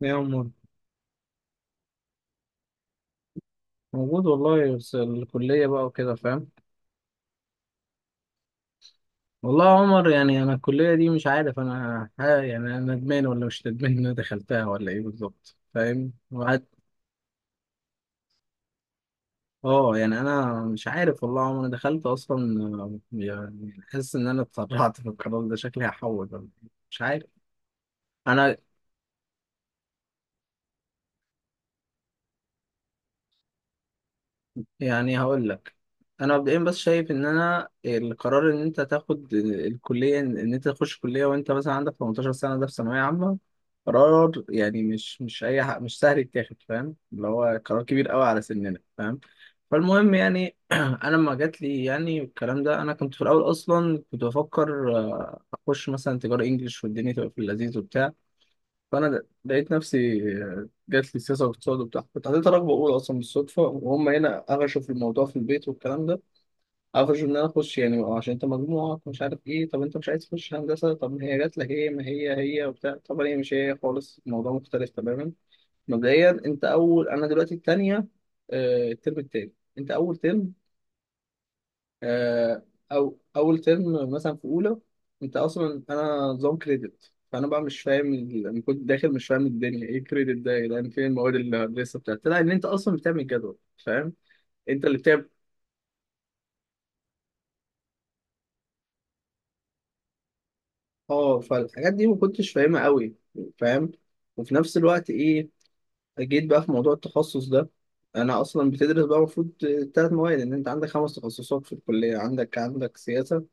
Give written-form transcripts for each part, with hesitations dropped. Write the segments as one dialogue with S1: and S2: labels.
S1: يا عمر، موجود والله، بس الكلية بقى وكده، فاهم. والله يا عمر، يعني أنا الكلية دي مش عارف، أنا ها يعني أنا ندمان ولا مش ندمان إن أنا دخلتها ولا إيه بالظبط، فاهم، وقعد. أه يعني أنا مش عارف، والله يا عمر، أنا دخلت أصلا، يعني حاسس إن أنا اتسرعت في القرار ده، شكلي هحول ولا إيه. مش عارف. أنا يعني هقول لك. انا مبدئيا بس شايف ان انا القرار ان انت تاخد الكليه، إن انت تخش كليه وانت مثلا عندك 18 سنه، ده في ثانويه عامه. قرار يعني مش اي حق، مش سهل يتاخد، فاهم، اللي هو قرار كبير قوي على سننا، فاهم. فالمهم يعني انا لما جات لي يعني الكلام ده، انا كنت في الاول اصلا كنت بفكر اخش مثلا تجاره انجليش، والدنيا تبقى في اللذيذ وبتاع. فانا لقيت نفسي. جات لي سياسه واقتصاد وبتاع، كنت حطيت رغبه اولى اصلا بالصدفه، وهم هنا قفشوا في الموضوع في البيت والكلام ده. قفشوا ان انا اخش، يعني عشان انت مجموعك مش عارف ايه، طب انت مش عايز تخش هندسه، طب ما هي جات لك ايه، ما هي هي وبتاع، طب هي مش هي خالص، الموضوع مختلف تماما. مبدئيا انت اول، انا دلوقتي الثانيه. الترم التاني. انت اول ترم. آه، او اول ترم مثلا في اولى. انت اصلا، انا نظام كريدت، فانا بقى مش فاهم انا كنت داخل مش فاهم الدنيا ايه كريدت ده، يعني فين المواد اللي لسه بتاعت، لا ان انت اصلا بتعمل جدول، فاهم. انت اللي بتعمل. اه، فالحاجات دي ما كنتش فاهمها قوي. فاهم. وفي نفس الوقت ايه. جيت بقى في موضوع التخصص ده. انا اصلا بتدرس بقى المفروض. ثلاث مواد، ان انت عندك خمس تخصصات في الكليه، عندك سياسه.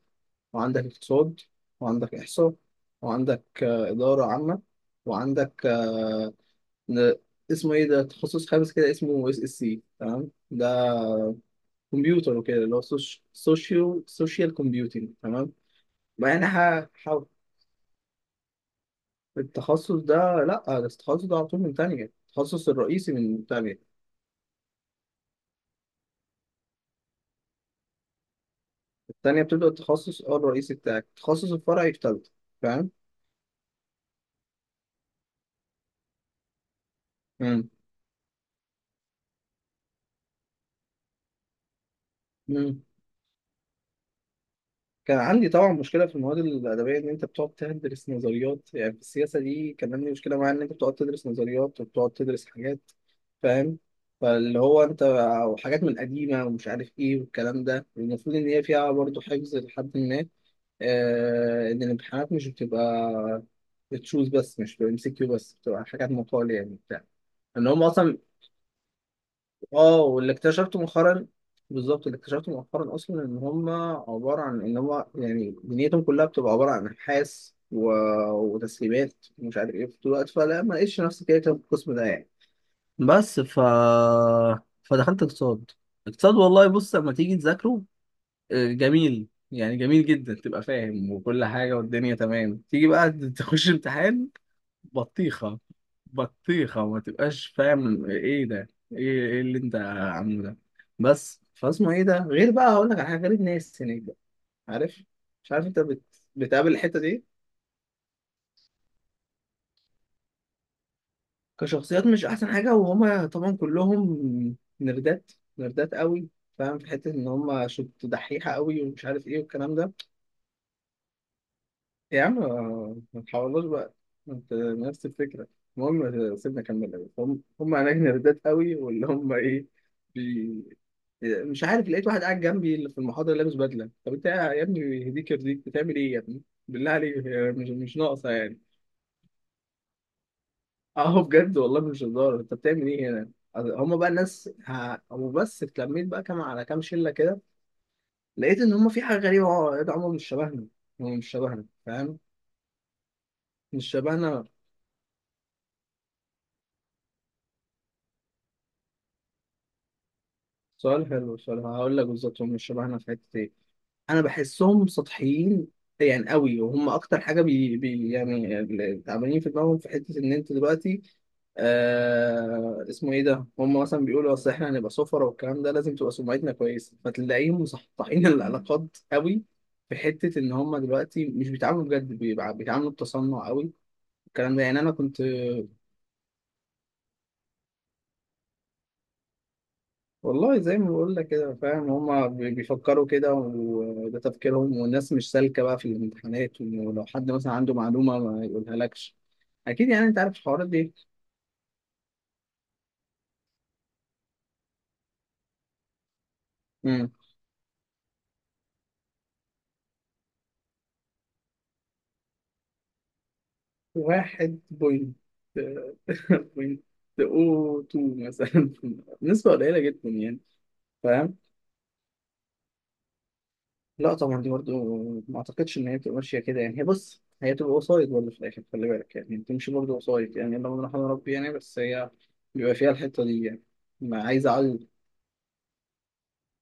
S1: وعندك اقتصاد. وعندك إحصاء. وعندك إدارة عامة. وعندك. آه. ن- اسمه إيه ده، تخصص خامس كده اسمه اس اس سي، تمام ده. كمبيوتر وكده، اللي هو. سوشيال كومبيوتنج، تمام. ما يعني التخصص ده. لا، ده التخصص ده على طول من تانية، التخصص الرئيسي من تانية. التانية بتبدأ التخصص الرئيسي بتاعك، التخصص الفرعي في تالتة. فاهم؟ مم. مم. كان عندي طبعا مشكله في المواد الادبيه، ان انت بتقعد تدرس نظريات يعني في السياسه دي، كان عندي مشكله معايا ان انت بتقعد تدرس نظريات وبتقعد تدرس حاجات. فاهم. فاللي هو انت. وحاجات من قديمه ومش عارف ايه والكلام ده، المفروض ان هي فيها برضه حفظ لحد ما. ان الامتحانات مش بتبقى. بتشوز بس، مش بتبقى ام سي كيو بس، بتبقى حاجات مقال يعني بتاع. ان هم اصلا. اه، واللي اكتشفته مؤخرا. بالظبط، اللي اكتشفته مؤخرا اصلا ان هم. عباره عن ان هم يعني دنيتهم كلها بتبقى عباره عن ابحاث وتسليمات ومش عارف ايه في الوقت، فلا ما لقيتش نفسي كده في القسم ده يعني. بس فدخلت اقتصاد. اقتصاد والله، بص لما تيجي تذاكره. جميل يعني جميل جدا، تبقى فاهم وكل حاجه والدنيا تمام، تيجي بقى تخش امتحان. بطيخة. بطيخة، وما تبقاش فاهم ايه ده، ايه اللي انت عامله ده. بس فاسمه ايه ده، غير بقى هقول لك على حاجة، غير الناس هناك بقى. عارف. مش عارف انت بتقابل الحتة دي. كشخصيات مش احسن حاجة، وهما طبعا كلهم. نردات. نردات قوي. فاهم، في حتة ان هما شط دحيحة قوي ومش عارف ايه والكلام ده. يا عم. ما تحاولوش بقى. انت نفس الفكرة. المهم سيبنا اكمل لك. هم هناك نردات قوي، واللي هم ايه. بي... مش عارف، لقيت واحد قاعد جنبي اللي في المحاضرة لابس بدلة، طب انت يا ابني يهديك يرضيك بتعمل ايه يا ابني؟ بالله عليك، هي مش ناقصة يعني. اهو بجد والله مش هزار، انت بتعمل ايه هنا؟ هم بقى الناس وبس، اتلميت بقى كام على كام شلة كده. لقيت ان هم في حاجة غريبة، يا ده عمر، مش شبهنا. هم مش شبهنا، فاهم. مش شبهنا. سؤال حلو، سؤال هقول لك بالظبط، هم شبهنا في حته ايه؟ انا بحسهم سطحيين. يعني قوي، وهم اكتر حاجه بي, بي يعني اللي تعبانين في دماغهم في حته ان انت دلوقتي. اسمه ايه ده، هم مثلا بيقولوا اصل احنا هنبقى سفرة والكلام ده، لازم تبقى سمعتنا كويسه، فتلاقيهم مسطحين العلاقات قوي. في حته ان هم دلوقتي مش بيتعاملوا بجد، بيتعاملوا بتصنع قوي. الكلام ده، يعني انا كنت. والله زي ما بقول لك كده، فاهم، هما بيفكروا كده، وده تفكيرهم، والناس مش سالكة بقى في الامتحانات، ولو حد مثلا عنده معلومة ما يقولها لكش. أكيد يعني، أنت عارف الحوارات دي. مم. واحد بوينت. بوينت أو تو مثلا. نسبة قليلة جدا يعني. فاهم. لا طبعا، دي برضه. ما أعتقدش إن هي بتبقى ماشية كده، يعني هي بص، هي بتبقى وسايط برضه في الآخر، خلي بالك يعني بتمشي برضه وسايط، يعني اللهم رحمة ربي يعني، بس هي. بيبقى فيها الحتة دي يعني. ما عايز.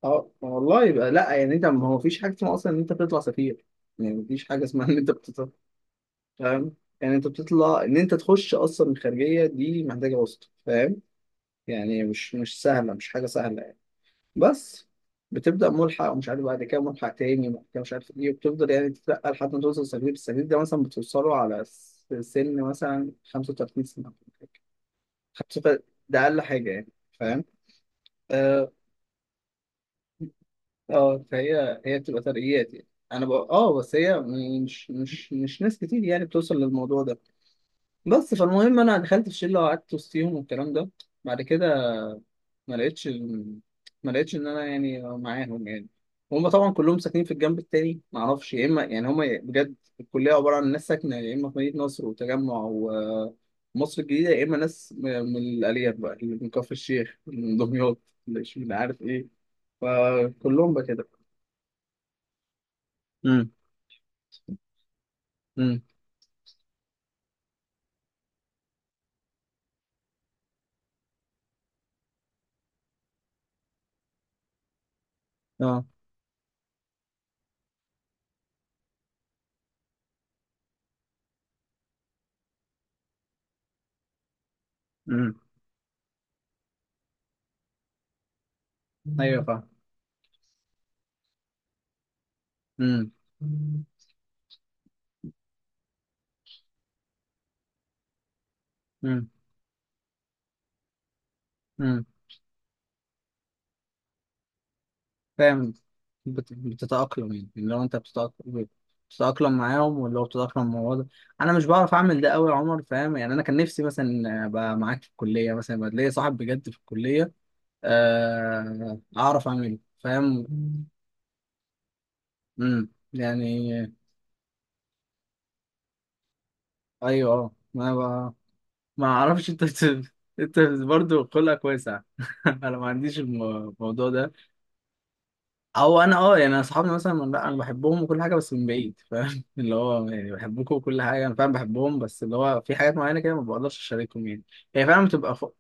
S1: اه، ما والله يبقى لا يعني، انت ما هو مفيش حاجه اسمها اصلا ان انت بتطلع سفير. يعني مفيش حاجه اسمها ان انت بتطلع. فاهم. يعني انت بتطلع، ان انت تخش اصلا الخارجيه دي محتاجه وسط، فاهم. يعني مش سهله، مش حاجه سهله يعني. بس. بتبدا ملحق ومش عارف بعد كده ملحق تاني وبعد كده مش عارف ايه، وبتفضل يعني تترقى لحد ما توصل سفير، السفير ده مثلا بتوصله على سن مثلا 35 سنه. 35. ده اقل حاجه يعني. فاهم. آه. اه، فهي بتبقى ترقيات يعني. انا بقى بس هي. مش ناس كتير يعني بتوصل للموضوع ده. بس فالمهم، انا دخلت في شله وقعدت وسطيهم والكلام ده. بعد كده. ما لقيتش ال- ما لقيتش ان انا يعني معاهم يعني. هم طبعا كلهم ساكنين في الجنب التاني، ما اعرفش، يا اما يعني هم. بجد. الكليه عباره عن ناس ساكنه يا اما في مدينه نصر وتجمع ومصر الجديده، يا اما ناس من الاليات بقى، اللي من كفر الشيخ، من دمياط. اللي مش عارف ايه. فكلهم بقى كده. امم. اه. امم. ايوه، فاهم. امم. امم. امم، فاهم. بتتأقلم يعني، اللي هو انت بتتأقلم. بتتأقلم معاهم، واللي هو بتتأقلم مع الوضع. انا مش بعرف اعمل ده قوي يا عمر، فاهم يعني، انا كان نفسي مثلا ابقى معاك في الكلية مثلا، يبقى ليا صاحب بجد في الكلية. اعرف اعمله، فاهم. يعني. ايوه، اه، ما اعرفش، انت انت برضه خلقك واسع انا ما عنديش الموضوع ده. او انا يعني اصحابي مثلا لا، انا بحبهم وكل حاجه بس من بعيد، فاهم اللي هو يعني بحبكم وكل حاجه، انا فعلا بحبهم، بس اللي هو في حاجات معينه كده ما بقدرش اشاركهم يعني. هي فعلا بتبقى فوق.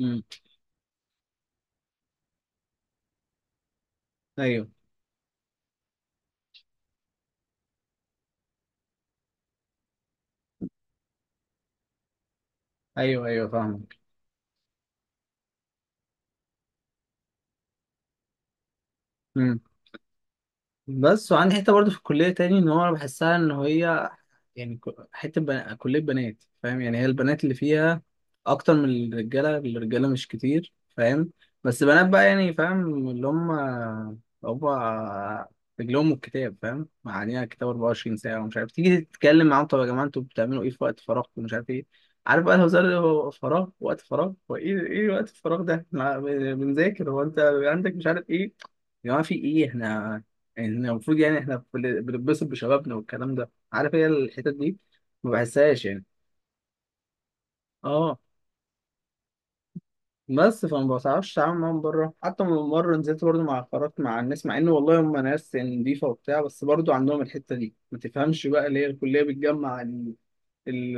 S1: امم. ايوه، ايوه، ايوه، فاهمك. امم. بس، وعندي حته برضو في الكليه تاني، ان هو انا بحسها ان هي. يعني حتة كلية بنات، فاهم يعني، هي البنات اللي فيها. أكتر من الرجالة. الرجالة مش كتير، فاهم. بس بنات بقى يعني، فاهم، اللي هم رجلهم الكتاب، فاهم معانيها، كتاب 24 ساعة، ومش عارف، تيجي تتكلم معاهم طب يا جماعة انتوا بتعملوا إيه في وقت فراغكم ومش عارف إيه. عارف بقى، الهزار اللي هو فراغ، وقت فراغ، هو إيه وقت الفراغ ده؟ إحنا بنذاكر، هو أنت عندك مش عارف إيه، يا جماعة في إيه، إحنا. إحنا المفروض يعني، إحنا بنتبسط بشبابنا والكلام ده. عارف، هي الحتت دي. ما بحسهاش يعني. اه، بس فما بعرفش اتعامل معاهم بره، حتى من مره نزلت برضو خرجت مع الناس، مع ان والله هم ناس يعني نضيفه وبتاع، بس برضو عندهم الحته دي، ما تفهمش بقى ليه الكليه بتجمع ال...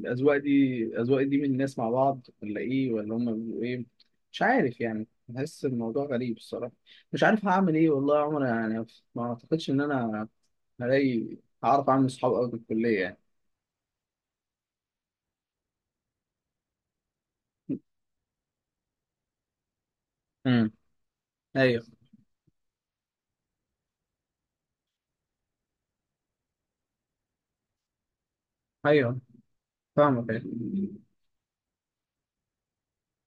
S1: الاذواق دي من الناس مع بعض، ولا ايه ولا هم بيبقوا ايه؟ مش عارف يعني، بحس الموضوع غريب الصراحه. مش عارف هعمل ايه والله يا عمر يعني. ما اعتقدش ان انا. هلاقي. هعرف اعمل صحاب قوي في الكليه يعني. امم. ايوه، ايوه، فاهمك. أيوة.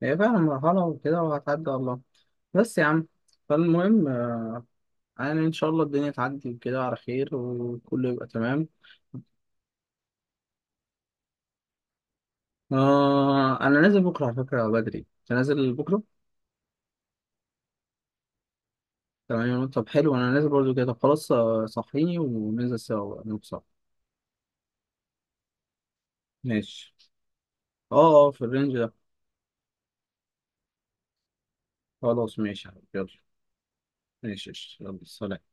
S1: هي فعلا مرحلة وكده، وهتعدي والله. بس يا عم. فالمهم يعني إن شاء الله الدنيا تعدي وكده على خير، وكله يبقى تمام. آه، أنا نازل بكرة على فكرة بدري. أنت نازل بكرة؟ تمام يا نور. طب حلو، أنا نازل برضو كده، طب خلاص صحيني وننزل سوا نوصل. ماشي. أه، أه، في الرينج ده. خلاص ماشي يا حبيبي. يلا. ماشي قشطة. يلا سلام.